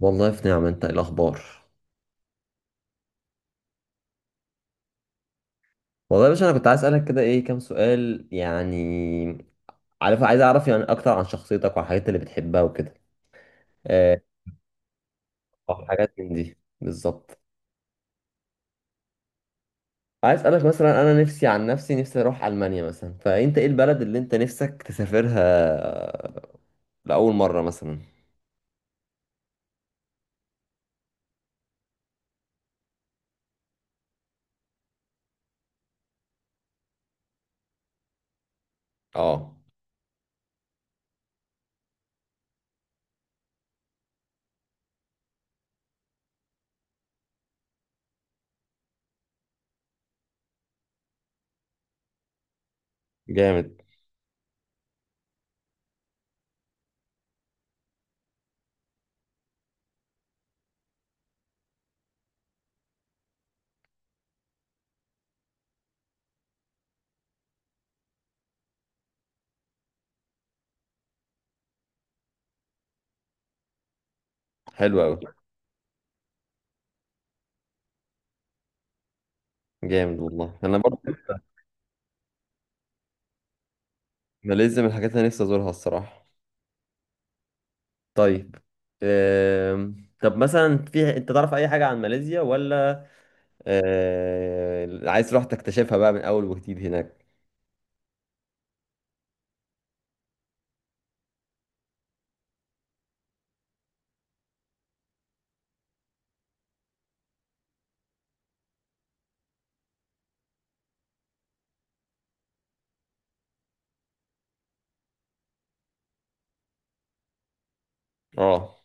والله في نعمة. انت ايه الاخبار؟ والله يا باشا انا كنت عايز اسالك كده ايه كام سؤال يعني. عارف عايز اعرف يعني اكتر عن شخصيتك والحاجات اللي بتحبها وكده. آه، حاجات من دي بالظبط. عايز اسالك مثلا، انا نفسي عن نفسي، نفسي اروح المانيا مثلا، فانت ايه البلد اللي انت نفسك تسافرها لاول مرة مثلا؟ اه، جامد. حلو قوي. جامد والله انا برضه. ماليزيا من الحاجات اللي نفسي ازورها الصراحة. طيب. آم، طب مثلا في انت تعرف اي حاجة عن ماليزيا؟ ولا عايز تروح تكتشفها بقى من اول وجديد هناك؟ اه.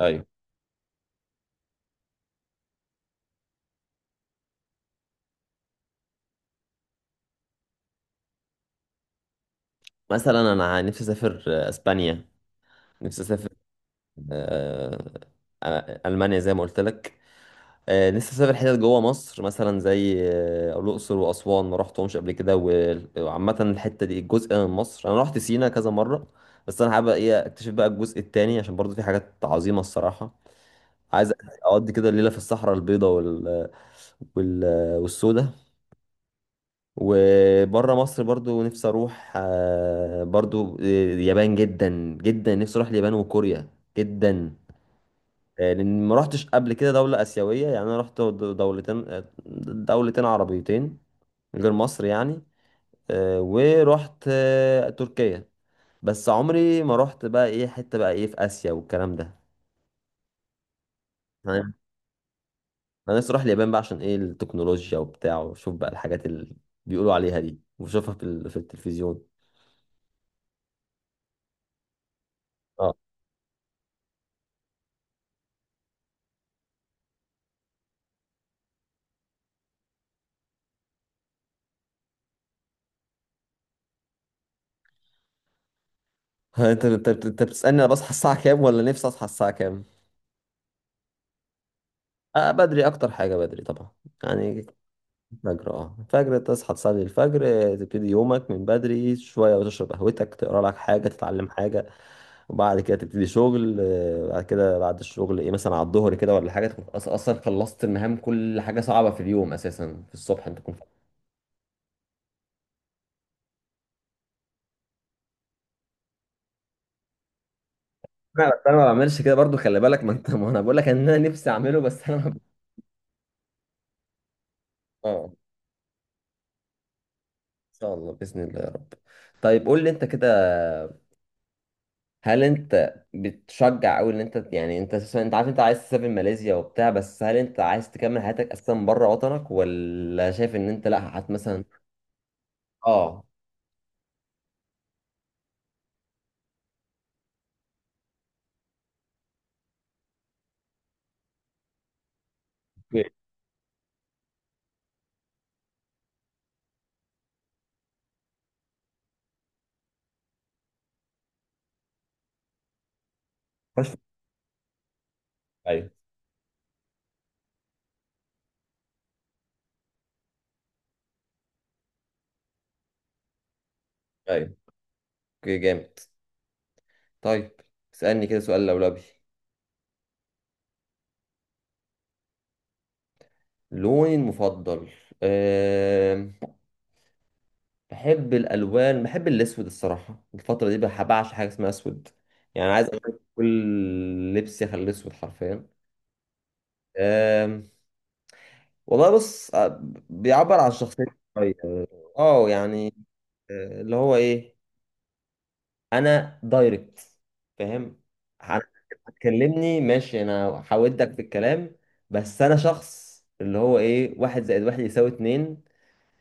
ايوه مثلا انا نفسي اسافر اسبانيا. نفسي اسافر. آه، المانيا زي ما قلت لك. نفسي اسافر حتت جوه مصر مثلا زي الاقصر واسوان، ما رحتهمش قبل كده. وعامه الحته دي الجزء من مصر، انا رحت سينا كذا مره، بس انا حابب ايه اكتشف بقى الجزء التاني، عشان برضو في حاجات عظيمه الصراحه. عايز اقضي كده الليله في الصحراء البيضاء وال والسوداء. وبره مصر برضو نفسي اروح برضو اليابان. جدا جدا نفسي اروح اليابان وكوريا جدا. لان ما رحتش قبل كده دولة آسيوية يعني. انا رحت دولتين دولتين عربيتين غير مصر يعني. ورحت تركيا، بس عمري ما رحت بقى ايه حتة بقى ايه في آسيا والكلام ده. انا أنا نفسي اروح اليابان بقى عشان ايه التكنولوجيا وبتاع، واشوف بقى الحاجات اللي بيقولوا عليها دي واشوفها في في التلفزيون. ها، انت بتسألني انا بصحى الساعة كام، ولا نفسي اصحى الساعة كام؟ آه، بدري، اكتر حاجة بدري طبعا يعني. الفجر. اه الفجر، تصحى تصلي الفجر، تبتدي يومك من بدري شوية وتشرب قهوتك، تقرا لك حاجة، تتعلم حاجة، وبعد كده تبتدي شغل. بعد كده بعد الشغل ايه مثلا على الظهر كده ولا حاجة، تكون اصلا خلصت المهام. كل حاجة صعبة في اليوم اساسا في الصبح انت تكون. انا بس انا ما بعملش كده برضو، خلي بالك. ما انت ما انا بقول لك ان انا نفسي اعمله، بس انا ما ب- اه. ان شاء الله، باذن الله يا رب. طيب قول لي انت كده، هل انت بتشجع او ان انت يعني، انت اساسا انت عارف انت عايز تسافر ماليزيا وبتاع، بس هل انت عايز تكمل حياتك اساسا بره وطنك، ولا شايف ان انت لا هت مثلا؟ اه. اوكي. خش. ايوه ايوه. اوكي، جامد. طيب اسالني كده سؤال لولبي. لوني المفضل. أه... بحب الالوان، بحب الاسود الصراحه الفتره دي. بعشق حاجه اسمها اسود يعني، عايز أغير كل لبسي اخليه اسود حرفيا. أه... والله بص، بيعبر عن شخصيته شوية. اه يعني، اللي هو ايه، انا دايركت، فاهم. انا هتكلمني ماشي، انا هودك في الكلام. بس انا شخص اللي هو ايه، واحد زائد واحد يساوي اتنين،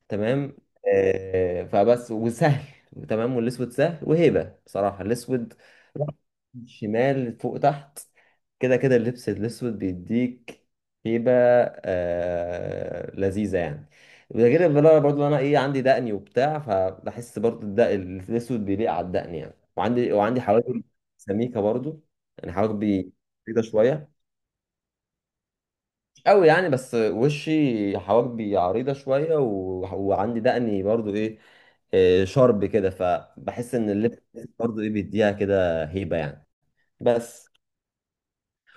تمام؟ فبس وسهل. تمام. والاسود سهل وهيبه بصراحه، الاسود شمال فوق تحت كده كده. اللبس الاسود بيديك هيبه آه، لذيذه يعني. وده غير بقى برضه انا ايه عندي دقني وبتاع، فبحس برضه الدقن الاسود بيليق على الدقن يعني. وعندي حواجب سميكه برضه يعني. حواجبي بيضه شويه قوي يعني، بس وشي حواجبي عريضة شوية و... وعندي دقني برضو ايه إيه، شرب كده، فبحس ان اللبس برضو ايه بيديها كده هيبة يعني. بس.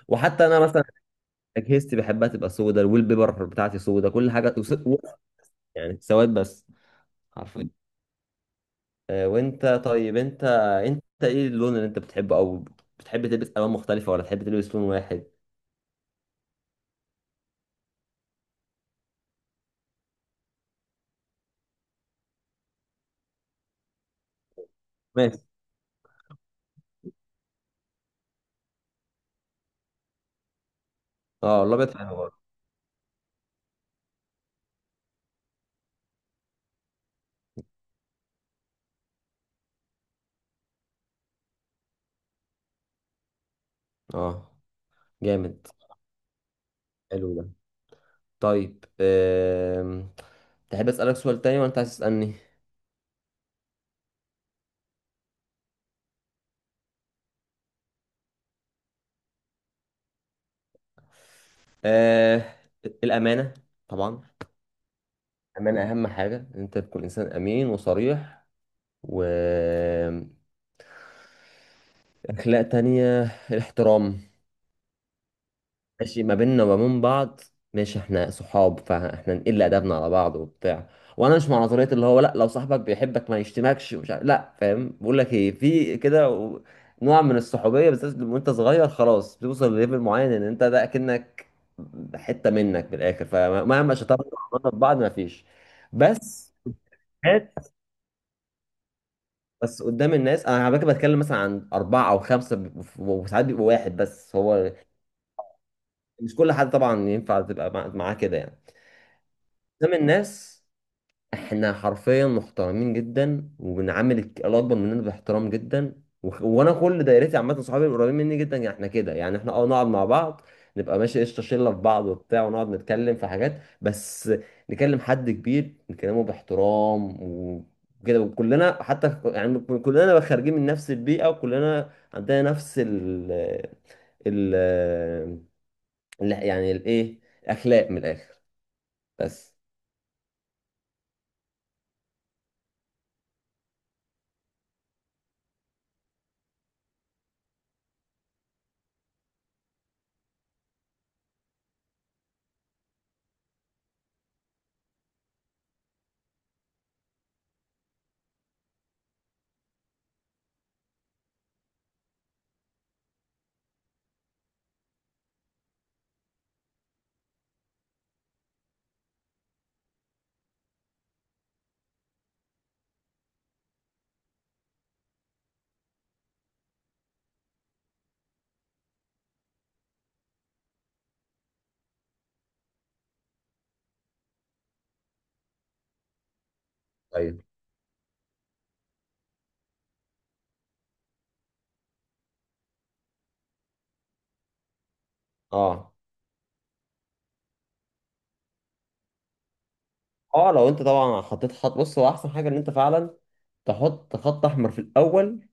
وحتى انا مثلا اجهزتي بحبها تبقى سودا، الويل بيبر بتاعتي سودا كل حاجة يعني سواد بس حرفيا. وانت طيب انت، انت ايه اللون اللي انت بتحبه، او بتحب تلبس الوان مختلفة ولا تحب تلبس لون واحد؟ ماشي. اه الابيض حلو برضه. اه، جامد. حلو ده. طيب تحب أسألك سؤال تاني ولا أنت عايز تسألني؟ أه... الأمانة طبعا. الأمانة أهم حاجة، إن أنت تكون إنسان أمين وصريح، و أخلاق تانية الاحترام. ماشي ما بيننا وما بين بعض، ماشي احنا صحاب فاحنا نقل ادبنا على بعض وبتاع. وانا مش مع نظريه اللي هو لا لو صاحبك بيحبك ما يشتمكش ومش عارف لا، فاهم؟ بقول لك ايه، في كده نوع من الصحوبيه، بالذات لما انت صغير خلاص، بتوصل لليفل معين ان انت ده اكنك حته منك بالاخر، فمهما شطرنا وعملنا في بعض ما فيش. بس. هات. بس قدام الناس انا على فكره بتكلم مثلا عن اربعه او خمسه وساعات بيبقى واحد بس هو. مش كل حد طبعا ينفع تبقى معاه كده يعني. قدام الناس احنا حرفيا محترمين جدا، وبنعامل الاكبر مننا باحترام جدا. وانا كل دايرتي عامه، صحابي القريبين مني جدا يعني، احنا كده يعني احنا اه نقعد مع بعض نبقى ماشي قشطه، شله في بعض وبتاع، ونقعد نتكلم في حاجات بس. نكلم حد كبير نكلمه باحترام وكده. وكلنا حتى كلنا خارجين من نفس البيئه، وكلنا عندنا نفس ال يعني الايه اخلاق من الاخر. بس. طيب. اه اه لو انت طبعا حطيت خط، بص هو احسن حاجه ان انت فعلا تحط خط احمر في الاول،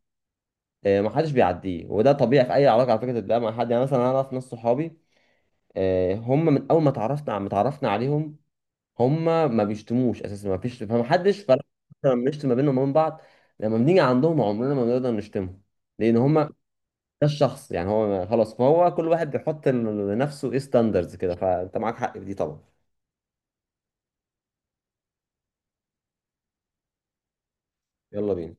محدش بيعديه. وده طبيعي في اي علاقه على فكره تبقى مع حد. يعني مثلا انا اعرف ناس صحابي هم من اول ما اتعرفنا، ما اتعرفنا عليهم هم ما بيشتموش اساسا، ما فيش، فمحدش فرق لما بنشتم ما بينهم وبين بعض، لما بنيجي عندهم عمرنا ما بنقدر نشتمهم، لان هم ده الشخص يعني هو خلاص. فهو كل واحد بيحط لنفسه ايه ستاندرز كده، فانت معاك حق في دي طبعا. يلا بينا.